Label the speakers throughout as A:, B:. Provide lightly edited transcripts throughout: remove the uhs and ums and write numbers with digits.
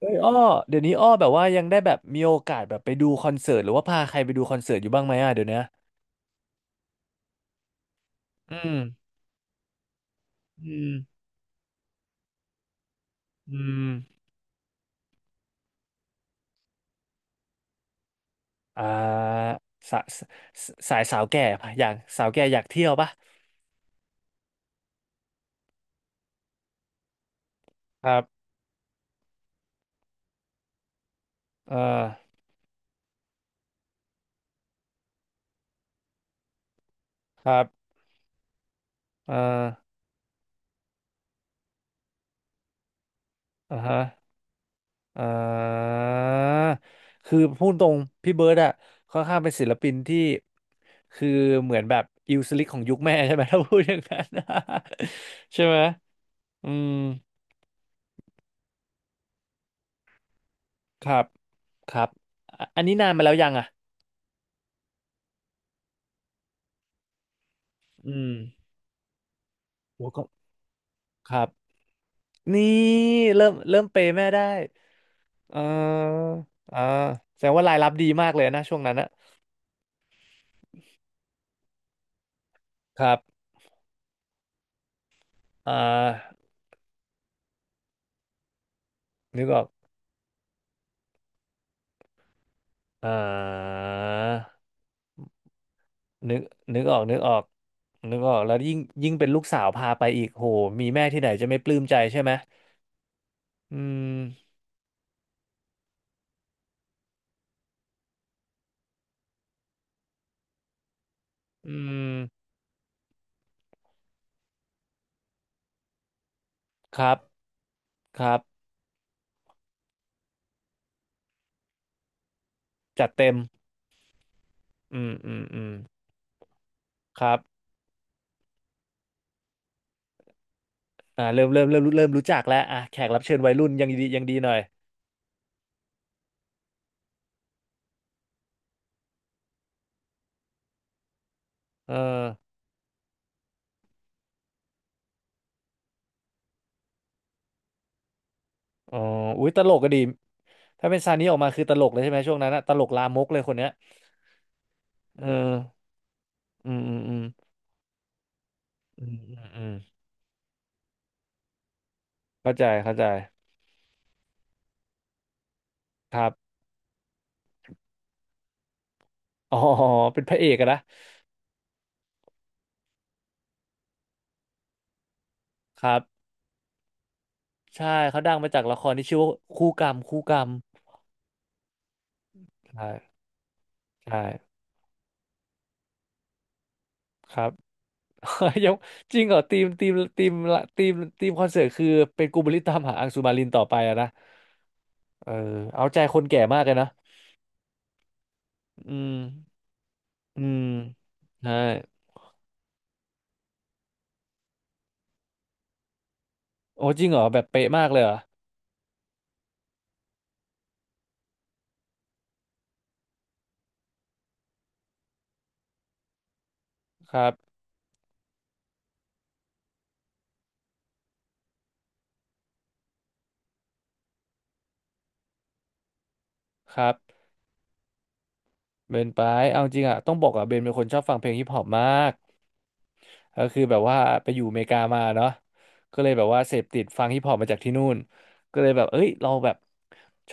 A: เฮ้ยอ้อเดี๋ยวนี้อ้อแบบว่ายังได้แบบมีโอกาสแบบไปดูคอนเสิร์ตหรือว่าพาใครไปดูคอนเสิร์ตอยู่บ้างไหมอ่ะเดี๋ยวเนี้ยอืมอืมอืมอ่าสาสสายสาวแก่ปะอยากสาวแก่อยากเที่ยวปะครับเออครับเอออ่าฮะเออคือพูดตรงพี่เบิร์ดอะค่อนข้างเป็นศิลปินที่คือเหมือนแบบอิวสลิกของยุคแม่ใช่ไหม ถ้าพูดอย่างนั้น ใช่ไหมอืม ครับครับอะอันนี้นานมาแล้วยังอ่ะอืมโอ้ก็ครับนี่เริ่มเปย์แม่ได้เอออ่าแสดงว่ารายรับดีมากเลยนะช่วงนั้นอะครับอ่านึกออกอ่านึกนึกออกนึกออกนึกออกแล้วยิ่งเป็นลูกสาวพาไปอีกโหมีแม่ที่ไหนจะไม่ปลื้มใจใช่ไหมอืมอืมครับครับจัดเต็มอืมอืมอืมครับ อ่าเริ่มรู้จักแล้วอ่ะแขกรับเชิญวัยรุ่นยังดียังดีหน่อยเอออ๋ออุ้ยตลกก็ดีถ้าเป็นซานี้ออกมาคือตลกเลยใช่ไหมช่วงนั้นอะตลกลามกเลยคนเนี้ยเอออืมอืมอืมอืมอืมอืมเข้าใจเข้าใจครับอ๋อ เป็นพระเอกอะนะครับใช่เขาดังมาจากละครที่ชื่อว่าคู่กรรมคู่กรรมใช่ใช่ครับ ยังจริงเหรอทีมทีมละทีมทีมคอนเสิร์ตคือเป็นกูบลิตตามหาอังสุมารินต่อไปอะนะเออเอาใจคนแก่มากเลยนะอืมอืมใช่โอ้จริงเหรอแบบเป๊ะมากเลยเหรอครับครับเบนไปเอาจริงอ่ะต้องบอกอ่ะเบนเป็นคนชอบฟังเพลงฮิปฮอปมาก ก็คือแบบว่าไปอยู่อเมริกามาเนาะก็เลยแบบว่าเสพติดฟังฮิปฮอปมาจากที่นู่นก็เลยแบบเอ้ยเราแบบ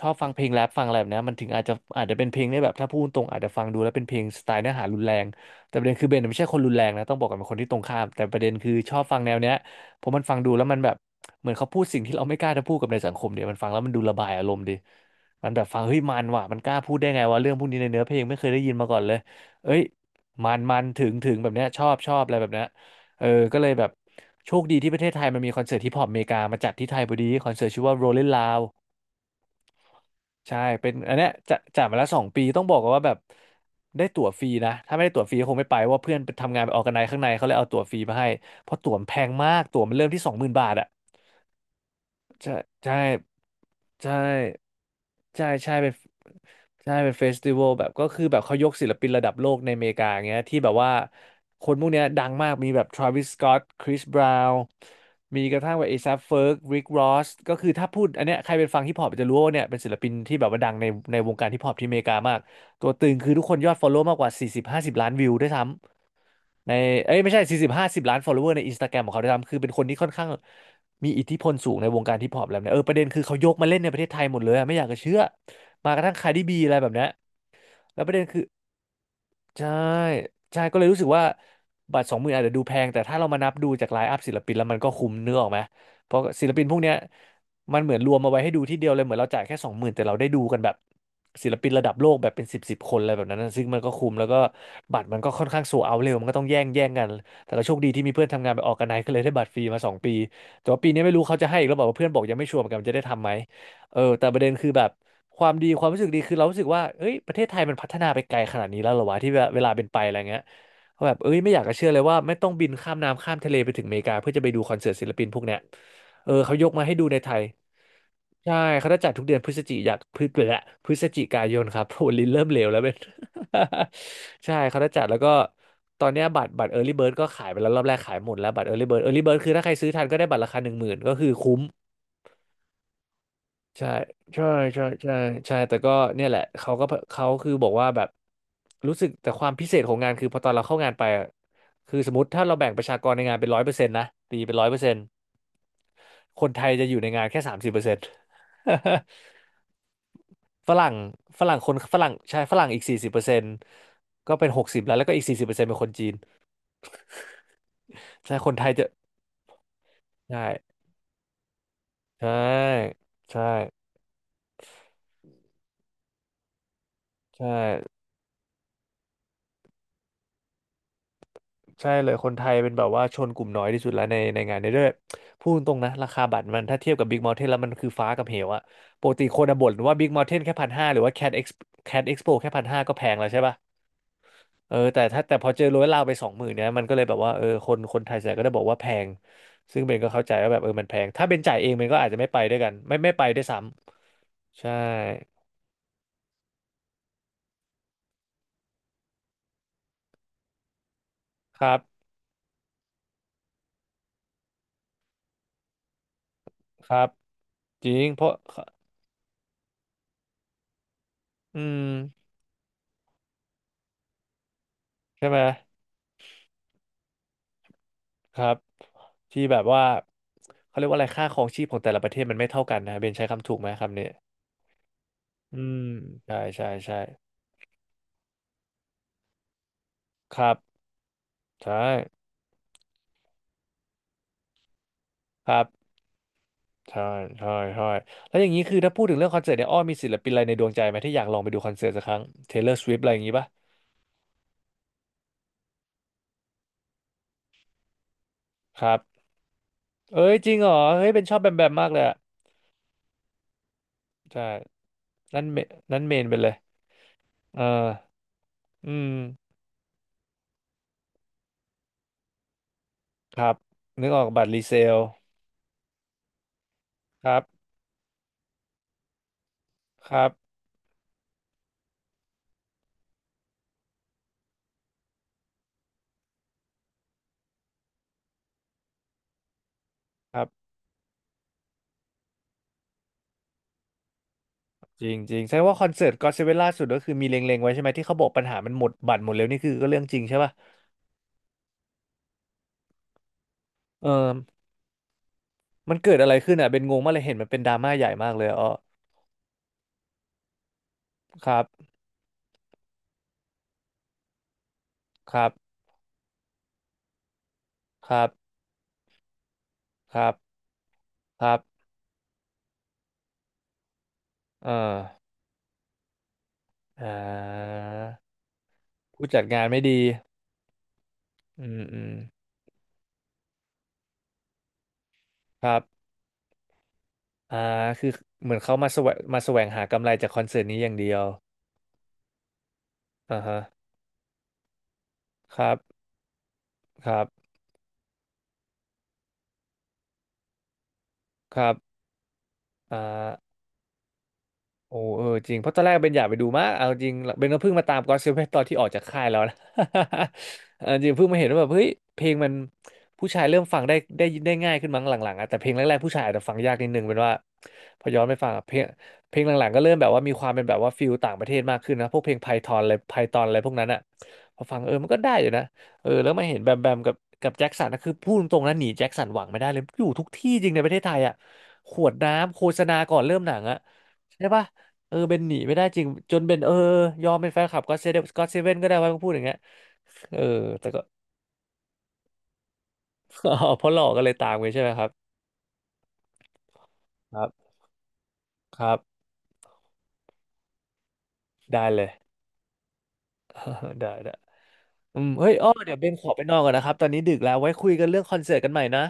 A: ชอบฟังเพลงแรปฟังอะไรแบบเนี้ยมันถึงอาจจะเป็นเพลงได้แบบถ้าพูดตรงอาจจะฟังดูแล้วเป็นเพลงสไตล์เนื้อหารุนแรงแต่ประเด็นคือเบนไม่ใช่คนรุนแรงนะต้องบอกกันเป็นคนที่ตรงข้ามแต่ประเด็นคือชอบฟังแนวเนี้ยเพราะมันฟังดูแล้วมันแบบเหมือนเขาพูดสิ่งที่เราไม่กล้าจะพูดกับในสังคมเดียวมันฟังแล้วมันดูระบายอารมณ์ดีมันแบบฟังเฮ้ยมันกล้าพูดได้ไงวะเรื่องพวกนี้ในเนื้อเพลงไม่เคยได้ยินมาก่อนเลยเอ้ยมันถึงแบบเนี้ยชอบอะไรแบบเนี้ย เออก็เลยแบบโชคดีที่ประเทศไทยมันมีคอนเสิร์ตฮิปฮอปอเมริกามาจัดที่ไทยพอดีคอนเสิร์ตชื่อว่า Rolling Loud ใช่เป็นอันเนี้ยจะจัดมาแล้ว2 ปีต้องบอกกันว่าแบบได้ตั๋วฟรีนะถ้าไม่ได้ตั๋วฟรีก็คงไม่ไปเพราะว่าเพื่อนไปทำงานไปออร์แกไนซ์ข้างในเขาเลยเอาตั๋วฟรีมาให้เพราะตั๋วมันแพงมากตั๋วมันเริ่มที่20,000 บาทอะ ใช่ใช่ใช่ใช่ใช่เป็นใช่เป็นเฟสติวัลแบบก็คือแบบเขายกศิลปินระดับโลกในอเมริกาอย่างเงี้ยที่แบบว่าคนพวกเนี้ยดังมากมีแบบทร a วิสสก็อตคริสบราวน์มีกระทั่งแบบเอซั f เฟิร์กริกรอสก็คือถ้าพูดอันเนี้ยใครเป็นฟังฮิปฮอปจะรู้ว่าเนี่ยเป็นศิลปินที่แบบว่าดังในวงการฮิปฮอปที่อเมริกามากตัวตึงคือทุกคนยอดฟอลโล่มากกว่า40-50ล้านวิวด้วยซ้ำ ในเอ้ยไม่ใช่40-50 ล้าน follower ในอินสตาแกรมของเขาด้วยซ้ำคือเป็นคนที่ค่อนข้างมีอิทธิพลสูงในวงการฮิปฮอปแล้วเนี่ยเออประเด็นคือเขายกมาเล่นในประเทศไทยหมดเลยอะไม่อยากจะเชื่อมากระทั่งคาร์ดิบีอะไรแบบเนี้ยแล้วประเด็นคือ ใช่ใช่ก็เลยรู้สึกว่าบัตรสองหมื่นอาจจะดูแพงแต่ถ้าเรามานับดูจากไลฟ์อัพศิลปินแล้วมันก็คุ้มเนื้อออกไหม เพราะศิลปินพวกเนี้ยมันเหมือนรวมมาไว้ให้ดูที่เดียวเลยเหมือนเราจ่ายแค่สองหมื่นแต่เราได้ดูกันแบบศิลปินระดับโลกแบบเป็นสิบคนอะไรแบบนั้นนะซึ่งมันก็คุ้มแล้วก็บัตรมันก็ค่อนข้างโซเอาเร็วมันก็ต้องแย่งกันแต่เราโชคดีที่มีเพื่อนทำงานไปออกกันไนก็เลยได้บัตรฟรีมาสองปีแต่ว่าปีนี้ไม่รู้เขาจะให้อีกหรือเปล่าเพราะเพื่อนบอกยังไม่ชัวร์เหมือนกันว่าจะได้ทำไหมเออแต่ประเด็นคือแบบ ความดีความรู้สึกดีคือเรารู้สึกว่าเอ้ยประเทศไทยมันพัฒนาไปไกลขนาดนี้แล้วเหรอวะที่เวลาเป็นไปอะไรเงี้ยก็แบบเอ้ยไม่อยากจะเชื่อเลยว่าไม่ต้องบินข้ามน้ำข้ามทะเลไปถึงอเมริกาเพื่อจะไปดูคอนเสิร์ตศิลปินพวกเนี้ยเออเขายกมาให้ดูในไทยใช่เขาจะจัดทุกเดือนพฤศจิกายนครับ โหลิ้นเริ่มเหลวแล้วเป็น ใช่เขาจะจัดแล้วก็ตอนเนี้ยบัตร Early Bird ก็ขายไปแล้วรอบแรกขายหมดแล้วบัตร Early Bird คือถ้าใครซื้อทันก็ได้บัตรราคาหนึ่งหมื่นก็คือคุ้ม ใช่ใช่ใช่ใช่ใช่แต่ก็เนี่ยแหละเขาก็เขาคือบอกว่าแบบรู้สึกแต่ความพิเศษของงานคือพอตอนเราเข้างานไปอะคือสมมติถ้าเราแบ่งประชากรในงานเป็นร้อยเปอร์เซ็นต์นะตีเป็นร้อยเปอร์เซ็นต์คนไทยจะอยู่ในงานแค่สามสิบเปอร์เซ็นต์ ฝรั่งฝรั่งคนฝรั่งใช่ฝรั่งอีกสี่สิบเปอร์เซ็นต์ก็เป็นหกสิบแล้วแล้วก็อีกสี่สิบเปอร์เซ็นต์เป็นคนจีนใช่คนไทยจะใช่ใช่ใช่ใช่ ใช่เลยคนไทยเป็นแบบว่าชนกลุ่มน้อยที่สุดแล้วในงานนี้ด้วยพูดตรงนะราคาบัตรมันถ้าเทียบกับ Big Mountain แล้วมันคือฟ้ากับเหวอะปกติคนอะบ่นว่า Big Mountain แค่พันห้าหรือว่า Cat Expo แค่พันห้าก็แพงแล้วใช่ป่ะเออแต่ถ้าแต่พอเจอร้อยลาวไปสองหมื่นเนี่ยมันก็เลยแบบว่าเออคนไทยส่วนใหญ่ก็ได้บอกว่าแพงซึ่งเบนก็เข้าใจว่าแบบเออมันแพงถ้าเบนจ่ายเองเบนก็อาจจะไม่ไปด้วยกันไม่ไปด้วยซ้ำใช่ครับครับจริงเพราะอืมใช่ไหมครับ ที่แบบว่าเขาเรียกว่าอะไรค่าครองชีพของแต่ละประเทศมันไม่เท่ากันนะเบนใช้คำถูกไหมคำนี้อืมใช่ใช่ใช่ครับใช่ครับใช่ใช่ใช่แล้วอย่างนี้คือถ้าพูดถึงเรื่องคอนเสิร์ตเนี่ยอ้อมีศิลปินอะไรในดวงใจไหมที่อยากลองไปดูคอนเสิร์ตสักครั้ง Taylor Swift อะไรอย่างนี้ป่ะครับเอ้ยจริงเหรอเฮ้ยเป็นชอบแบมแบมมากเลยอะใช่นั่นเมนั่นเมนไปเลยเอออืมครับนึกออกบัตรรีเซลครับครับครับ จริงจริงแสดงว่าคอนเสิร์ตก็อดเซเว่นล่าสุดก็คือมีเล็งๆไว้ใช่ไหมที่เขาบอกปัญหามันหมดบัตรหมดแล้วนี่คือก็เรื่องจริงใช่ป่ะเออมันเกิดอะไรขึ้นอ่ะเป็นงงมากเลยเห็นมันเป็นดราม่าใหญ่มากเลยอ๋อครับครับครับครับครับเอออ่าผู้จัดงานไม่ดีอืมอืมครับอ่าคือเหมือนเขามาแสวงหากำไรจากคอนเสิร์ตนี้อย่างเดียวอ่าฮะครับครับครับอ่า โอ้เออจริงเพราะตอนแรกเป็นอยากไปดูมากเอาจริงเบนก็เพิ่งมาตามก็อตเซเว่นตอนที่ออกจากค่ายแล้วนะ เออจริงเพิ่งมาเห็นว่าแบบเฮ้ยเพลงมันผู้ชายเริ่มฟังได้ง่ายขึ้นมั้งหลังๆอะแต่เพลงแรกๆผู้ชายอาจจะฟังยากนิดนึงเป็นว่าพอย้อนไปฟังอะเพลงหลังๆก็เริ่มแบบว่ามีความเป็นแบบว่าฟิลต่างประเทศมากขึ้นนะพวกเพลงไพทอนอะไรไพทอนอะไรพวกนั้นอะพอฟังเออมันก็ได้อยู่นะเออแล้วมาเห็นแบมแบมกับกับแจ็คสันนะคือพูดตรงๆนะหนีแจ็คสันหวังไม่ได้เลยอยู่ทุกที่จริงในประเทศไทยอะขวดน้ำโฆษณาก่อนเริ่มหนังอะใช่ปะ เออเบนหนีไม่ได้จริงจนเบนเออยอมเป็นแฟนคลับก็อตเซเว่นก็ได้ว่าพูดอย่างเงี้ยเออแต่ก็ อ๋อเพราะหลอกก็เลยตามไปใช่ไหมครับครับครับได้เลย ได้ได้อืมเฮ้ยอ้อเดี๋ยวเบนขอไปนอนก่อนนะครับตอนนี้ดึกแล้วไว้คุยกันเรื่องคอนเสิร์ตกันใหม่นะ